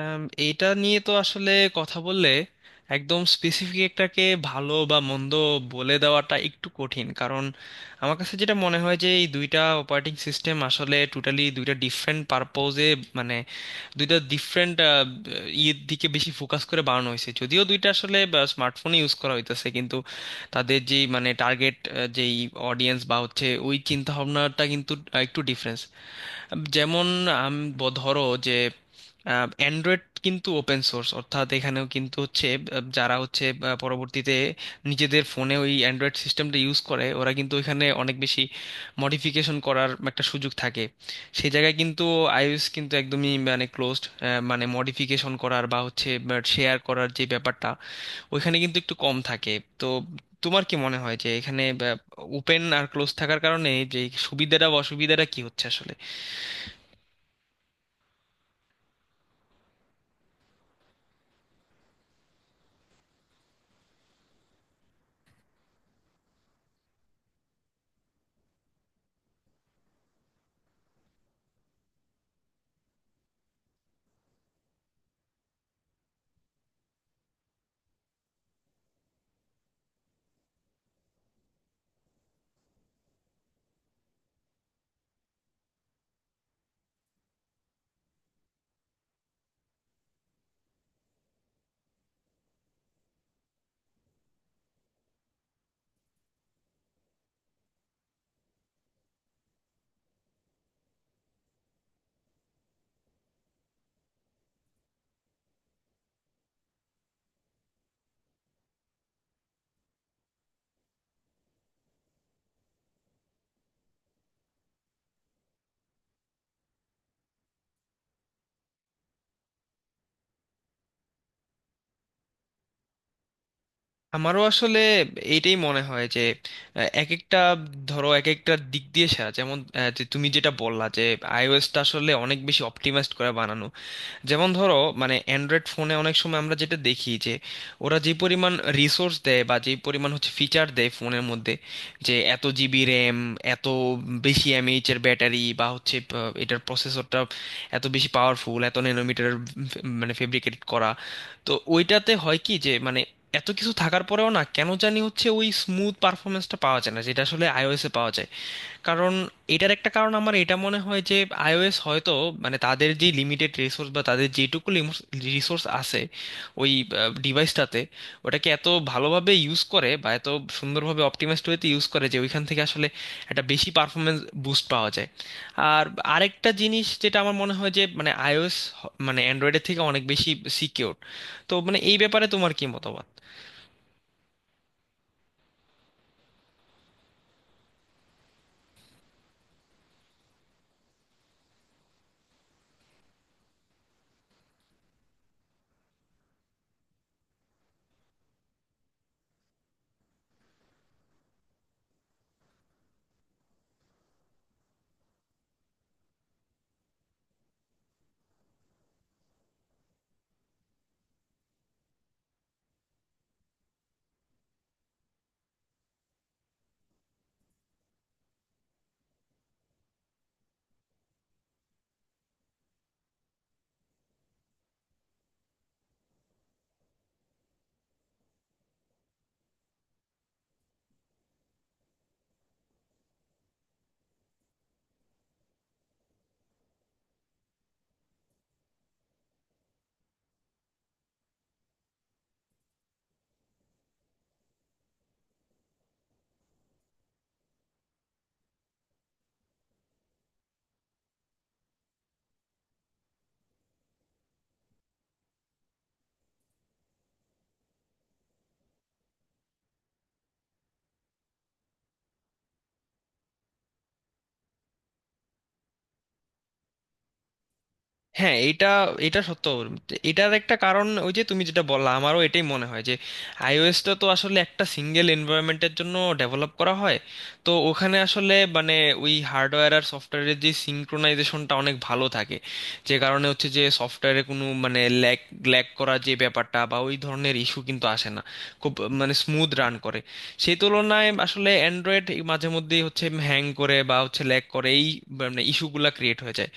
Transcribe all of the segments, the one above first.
আম, এটা নিয়ে তো আসলে কথা বললে একদম স্পেসিফিক একটাকে ভালো বা মন্দ বলে দেওয়াটা একটু কঠিন, কারণ আমার কাছে যেটা মনে হয় যে এই দুইটা অপারেটিং সিস্টেম আসলে টোটালি দুইটা ডিফারেন্ট পারপোজে, মানে দুইটা ডিফারেন্ট ইয়ের দিকে বেশি ফোকাস করে বানানো হয়েছে। যদিও দুইটা আসলে স্মার্টফোনে ইউজ করা হইতেছে, কিন্তু তাদের যেই মানে টার্গেট যেই অডিয়েন্স বা হচ্ছে ওই চিন্তা ভাবনাটা কিন্তু একটু ডিফারেন্স। যেমন, আম, ধরো যে অ্যান্ড্রয়েড কিন্তু ওপেন সোর্স, অর্থাৎ এখানেও কিন্তু হচ্ছে যারা হচ্ছে পরবর্তীতে নিজেদের ফোনে ওই অ্যান্ড্রয়েড সিস্টেমটা ইউজ করে, ওরা কিন্তু ওইখানে অনেক বেশি মডিফিকেশন করার একটা সুযোগ থাকে। সেই জায়গায় কিন্তু আইওএস কিন্তু একদমই মানে ক্লোজড, মানে মডিফিকেশন করার বা হচ্ছে শেয়ার করার যে ব্যাপারটা ওইখানে কিন্তু একটু কম থাকে। তো তোমার কি মনে হয় যে এখানে ওপেন আর ক্লোজ থাকার কারণে যে সুবিধাটা বা অসুবিধাটা কি হচ্ছে আসলে? আমারও আসলে এইটাই মনে হয় যে এক একটা ধরো এক একটা দিক দিয়ে সেরা। যেমন যে তুমি যেটা বললা যে আইওএসটা আসলে অনেক বেশি অপটিমাইজড করে বানানো। যেমন ধরো মানে অ্যান্ড্রয়েড ফোনে অনেক সময় আমরা যেটা দেখি যে ওরা যে পরিমাণ রিসোর্স দেয় বা যে পরিমাণ হচ্ছে ফিচার দেয় ফোনের মধ্যে, যে এত জিবি র্যাম, এত বেশি এমএইচ এর ব্যাটারি, বা হচ্ছে এটার প্রসেসরটা এত বেশি পাওয়ারফুল, এত ন্যানোমিটার মানে ফেব্রিকেট করা, তো ওইটাতে হয় কি যে মানে এত কিছু থাকার পরেও না কেন জানি হচ্ছে ওই স্মুথ পারফরমেন্সটা পাওয়া যায় না, যেটা আসলে আইওএসে পাওয়া যায়। কারণ, এটার একটা কারণ আমার এটা মনে হয় যে আইওএস হয়তো মানে তাদের যে লিমিটেড রিসোর্স বা তাদের যেটুকু রিসোর্স আছে ওই ডিভাইসটাতে, ওটাকে এত ভালোভাবে ইউজ করে বা এত সুন্দরভাবে অপটিমাইজড ওয়েতে ইউজ করে যে ওইখান থেকে আসলে একটা বেশি পারফরমেন্স বুস্ট পাওয়া যায়। আর আরেকটা জিনিস যেটা আমার মনে হয় যে মানে আইওএস মানে অ্যান্ড্রয়েডের থেকে অনেক বেশি সিকিউর। তো মানে এই ব্যাপারে তোমার কি মতামত? হ্যাঁ, এটা, এটা সত্য। এটার একটা কারণ ওই যে তুমি যেটা বললা, আমারও এটাই মনে হয় যে আইওএসটা তো আসলে একটা সিঙ্গেল এনভায়রনমেন্টের জন্য ডেভেলপ করা হয়। তো ওখানে আসলে মানে ওই হার্ডওয়্যার আর সফটওয়্যারের যে সিঙ্ক্রোনাইজেশনটা অনেক ভালো থাকে, যে কারণে হচ্ছে যে সফটওয়্যারে কোনো মানে ল্যাগ, করা যে ব্যাপারটা বা ওই ধরনের ইস্যু কিন্তু আসে না। খুব মানে স্মুথ রান করে। সেই তুলনায় আসলে অ্যান্ড্রয়েড মাঝে মধ্যেই হচ্ছে হ্যাং করে বা হচ্ছে ল্যাগ করে, এই মানে ইস্যুগুলা ক্রিয়েট হয়ে যায়।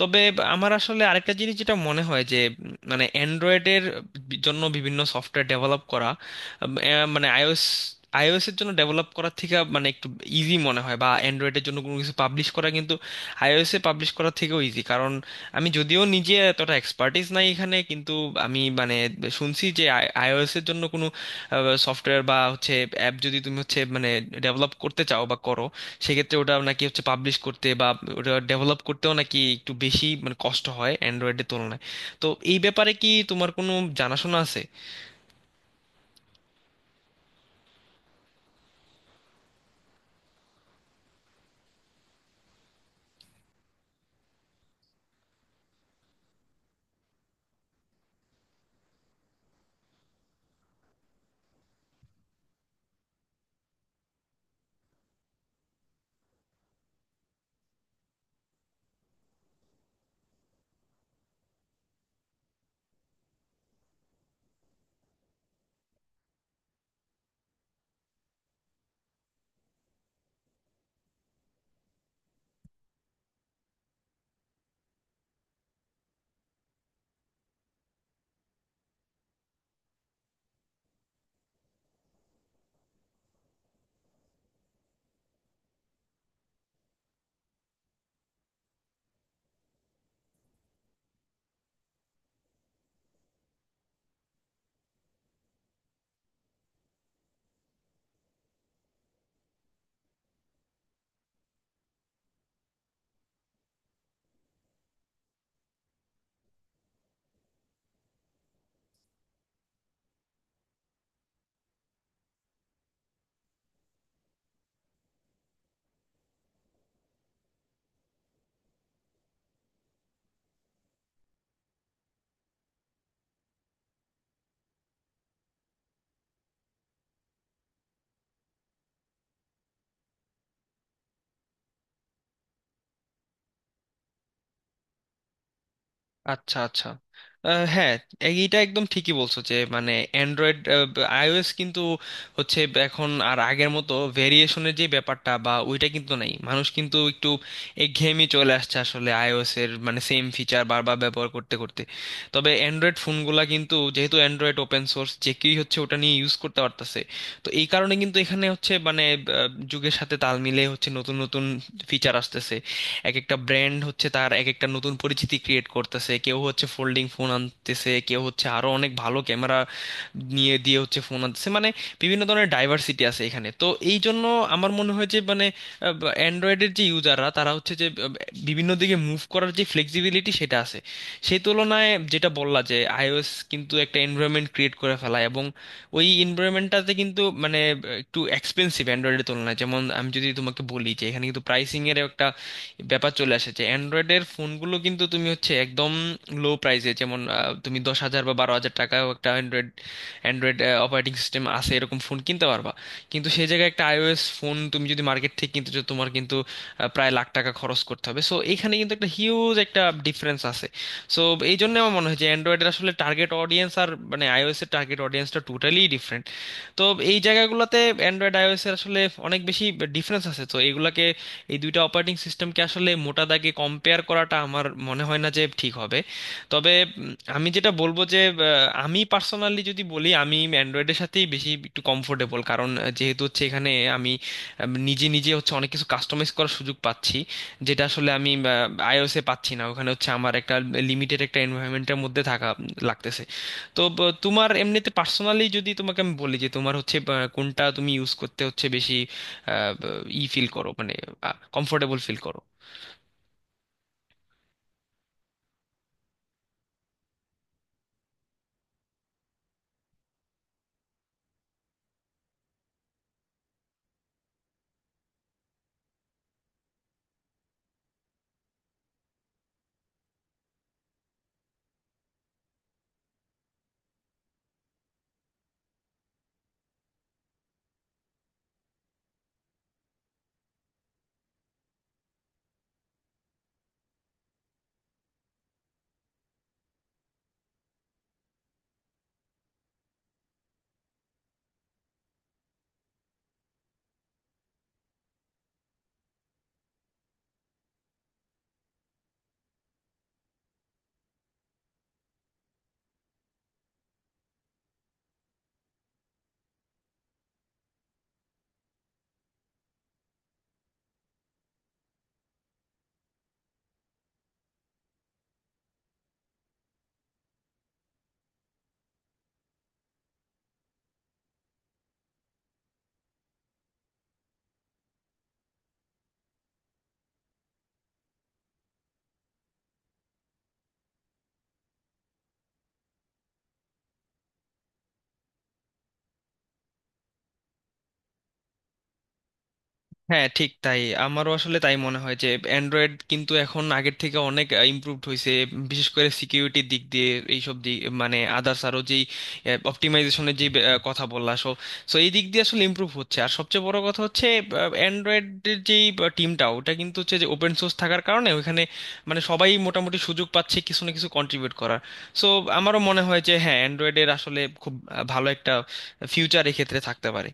তবে আমার আসলে আরেকটা জিনিস যেটা মনে হয় যে মানে অ্যান্ড্রয়েডের জন্য বিভিন্ন সফটওয়্যার ডেভেলপ করা মানে আইওএস আইওএস এর জন্য ডেভেলপ করার থেকে মানে একটু ইজি মনে হয়। বা অ্যান্ড্রয়েডের জন্য কোনো কিছু পাবলিশ করা কিন্তু আইওএস এ পাবলিশ করার থেকেও ইজি। কারণ আমি যদিও নিজে এতটা এক্সপার্টিস নাই এখানে, কিন্তু আমি মানে শুনছি যে আইওএস এর জন্য কোনো সফটওয়্যার বা হচ্ছে অ্যাপ যদি তুমি হচ্ছে মানে ডেভেলপ করতে চাও বা করো, সেক্ষেত্রে ওটা নাকি হচ্ছে পাবলিশ করতে বা ওটা ডেভেলপ করতেও নাকি একটু বেশি মানে কষ্ট হয় অ্যান্ড্রয়েডের তুলনায়। তো এই ব্যাপারে কি তোমার কোনো জানাশোনা আছে? আচ্ছা, আচ্ছা। হ্যাঁ, এইটা একদম ঠিকই বলছো যে মানে অ্যান্ড্রয়েড, আইওএস কিন্তু হচ্ছে এখন আর আগের মতো ভেরিয়েশনের যে ব্যাপারটা বা ওইটা কিন্তু নাই। মানুষ কিন্তু একটু একঘেয়েমি চলে আসছে আসলে আইওএস এর, মানে সেম ফিচার বারবার ব্যবহার করতে করতে। তবে অ্যান্ড্রয়েড ফোনগুলা কিন্তু যেহেতু অ্যান্ড্রয়েড ওপেন সোর্স, যে কেউই হচ্ছে ওটা নিয়ে ইউজ করতে পারতেছে, তো এই কারণে কিন্তু এখানে হচ্ছে মানে যুগের সাথে তাল মিলে হচ্ছে নতুন নতুন ফিচার আসতেছে। এক একটা ব্র্যান্ড হচ্ছে তার এক একটা নতুন পরিচিতি ক্রিয়েট করতেছে, কেউ হচ্ছে ফোল্ডিং ফোন আনতেছে, কেউ হচ্ছে আরো অনেক ভালো ক্যামেরা নিয়ে দিয়ে হচ্ছে ফোন আনতেছে, মানে বিভিন্ন ধরনের ডাইভার্সিটি আছে এখানে। তো এই জন্য আমার মনে হয় যে মানে অ্যান্ড্রয়েডের যে ইউজাররা তারা হচ্ছে যে বিভিন্ন দিকে মুভ করার যে ফ্লেক্সিবিলিটি সেটা আছে। সেই তুলনায় যেটা বললা যে আইওএস কিন্তু একটা এনভায়রনমেন্ট ক্রিয়েট করে ফেলায়, এবং ওই এনভায়রনমেন্টটাতে কিন্তু মানে একটু এক্সপেন্সিভ অ্যান্ড্রয়েডের তুলনায়। যেমন আমি যদি তোমাকে বলি যে এখানে কিন্তু প্রাইসিং এর একটা ব্যাপার চলে আসে, যে অ্যান্ড্রয়েডের ফোনগুলো কিন্তু তুমি হচ্ছে একদম লো প্রাইসে, যেমন তুমি 10,000 বা 12,000 টাকাও একটা অ্যান্ড্রয়েড অ্যান্ড্রয়েড অপারেটিং সিস্টেম আছে এরকম ফোন কিনতে পারবা। কিন্তু সেই জায়গায় একটা আইওএস ফোন তুমি যদি মার্কেট থেকে কিনতে চাও, তোমার কিন্তু প্রায় লাখ টাকা খরচ করতে হবে। সো এখানে কিন্তু একটা হিউজ একটা ডিফারেন্স আছে। সো এই জন্য আমার মনে হয় যে অ্যান্ড্রয়েডের আসলে টার্গেট অডিয়েন্স আর মানে আইওএস এর টার্গেট অডিয়েন্সটা টোটালি ডিফারেন্ট। তো এই জায়গাগুলোতে অ্যান্ড্রয়েড, আইওএস এর আসলে অনেক বেশি ডিফারেন্স আছে। তো এগুলাকে, এই দুইটা অপারেটিং সিস্টেমকে আসলে মোটা দাগে কম্পেয়ার করাটা আমার মনে হয় না যে ঠিক হবে। তবে আমি যেটা বলবো যে আমি পার্সোনালি যদি বলি, আমি অ্যান্ড্রয়েডের সাথেই বেশি একটু কমফোর্টেবল, কারণ যেহেতু হচ্ছে এখানে আমি নিজে নিজে হচ্ছে অনেক কিছু কাস্টমাইজ করার সুযোগ পাচ্ছি, যেটা আসলে আমি আইওএসে পাচ্ছি না। ওখানে হচ্ছে আমার একটা লিমিটেড একটা এনভায়রনমেন্টের মধ্যে থাকা লাগতেছে। তো তোমার এমনিতে পার্সোনালি, যদি তোমাকে আমি বলি যে তোমার হচ্ছে কোনটা তুমি ইউজ করতে হচ্ছে বেশি আহ, ই ফিল করো, মানে কমফোর্টেবল ফিল করো? হ্যাঁ, ঠিক তাই। আমারও আসলে তাই মনে হয় যে অ্যান্ড্রয়েড কিন্তু এখন আগের থেকে অনেক ইমপ্রুভড হয়েছে, বিশেষ করে সিকিউরিটির দিক দিয়ে, এইসব দিক মানে আদার্স আরও যেই অপটিমাইজেশনের যে কথা বললা। সো, সো এই দিক দিয়ে আসলে ইমপ্রুভ হচ্ছে। আর সবচেয়ে বড় কথা হচ্ছে অ্যান্ড্রয়েডের যেই টিমটা ওটা কিন্তু হচ্ছে যে ওপেন সোর্স থাকার কারণে ওইখানে মানে সবাই মোটামুটি সুযোগ পাচ্ছে কিছু না কিছু কন্ট্রিবিউট করার। সো আমারও মনে হয় যে হ্যাঁ, অ্যান্ড্রয়েডের আসলে খুব ভালো একটা ফিউচার এক্ষেত্রে থাকতে পারে।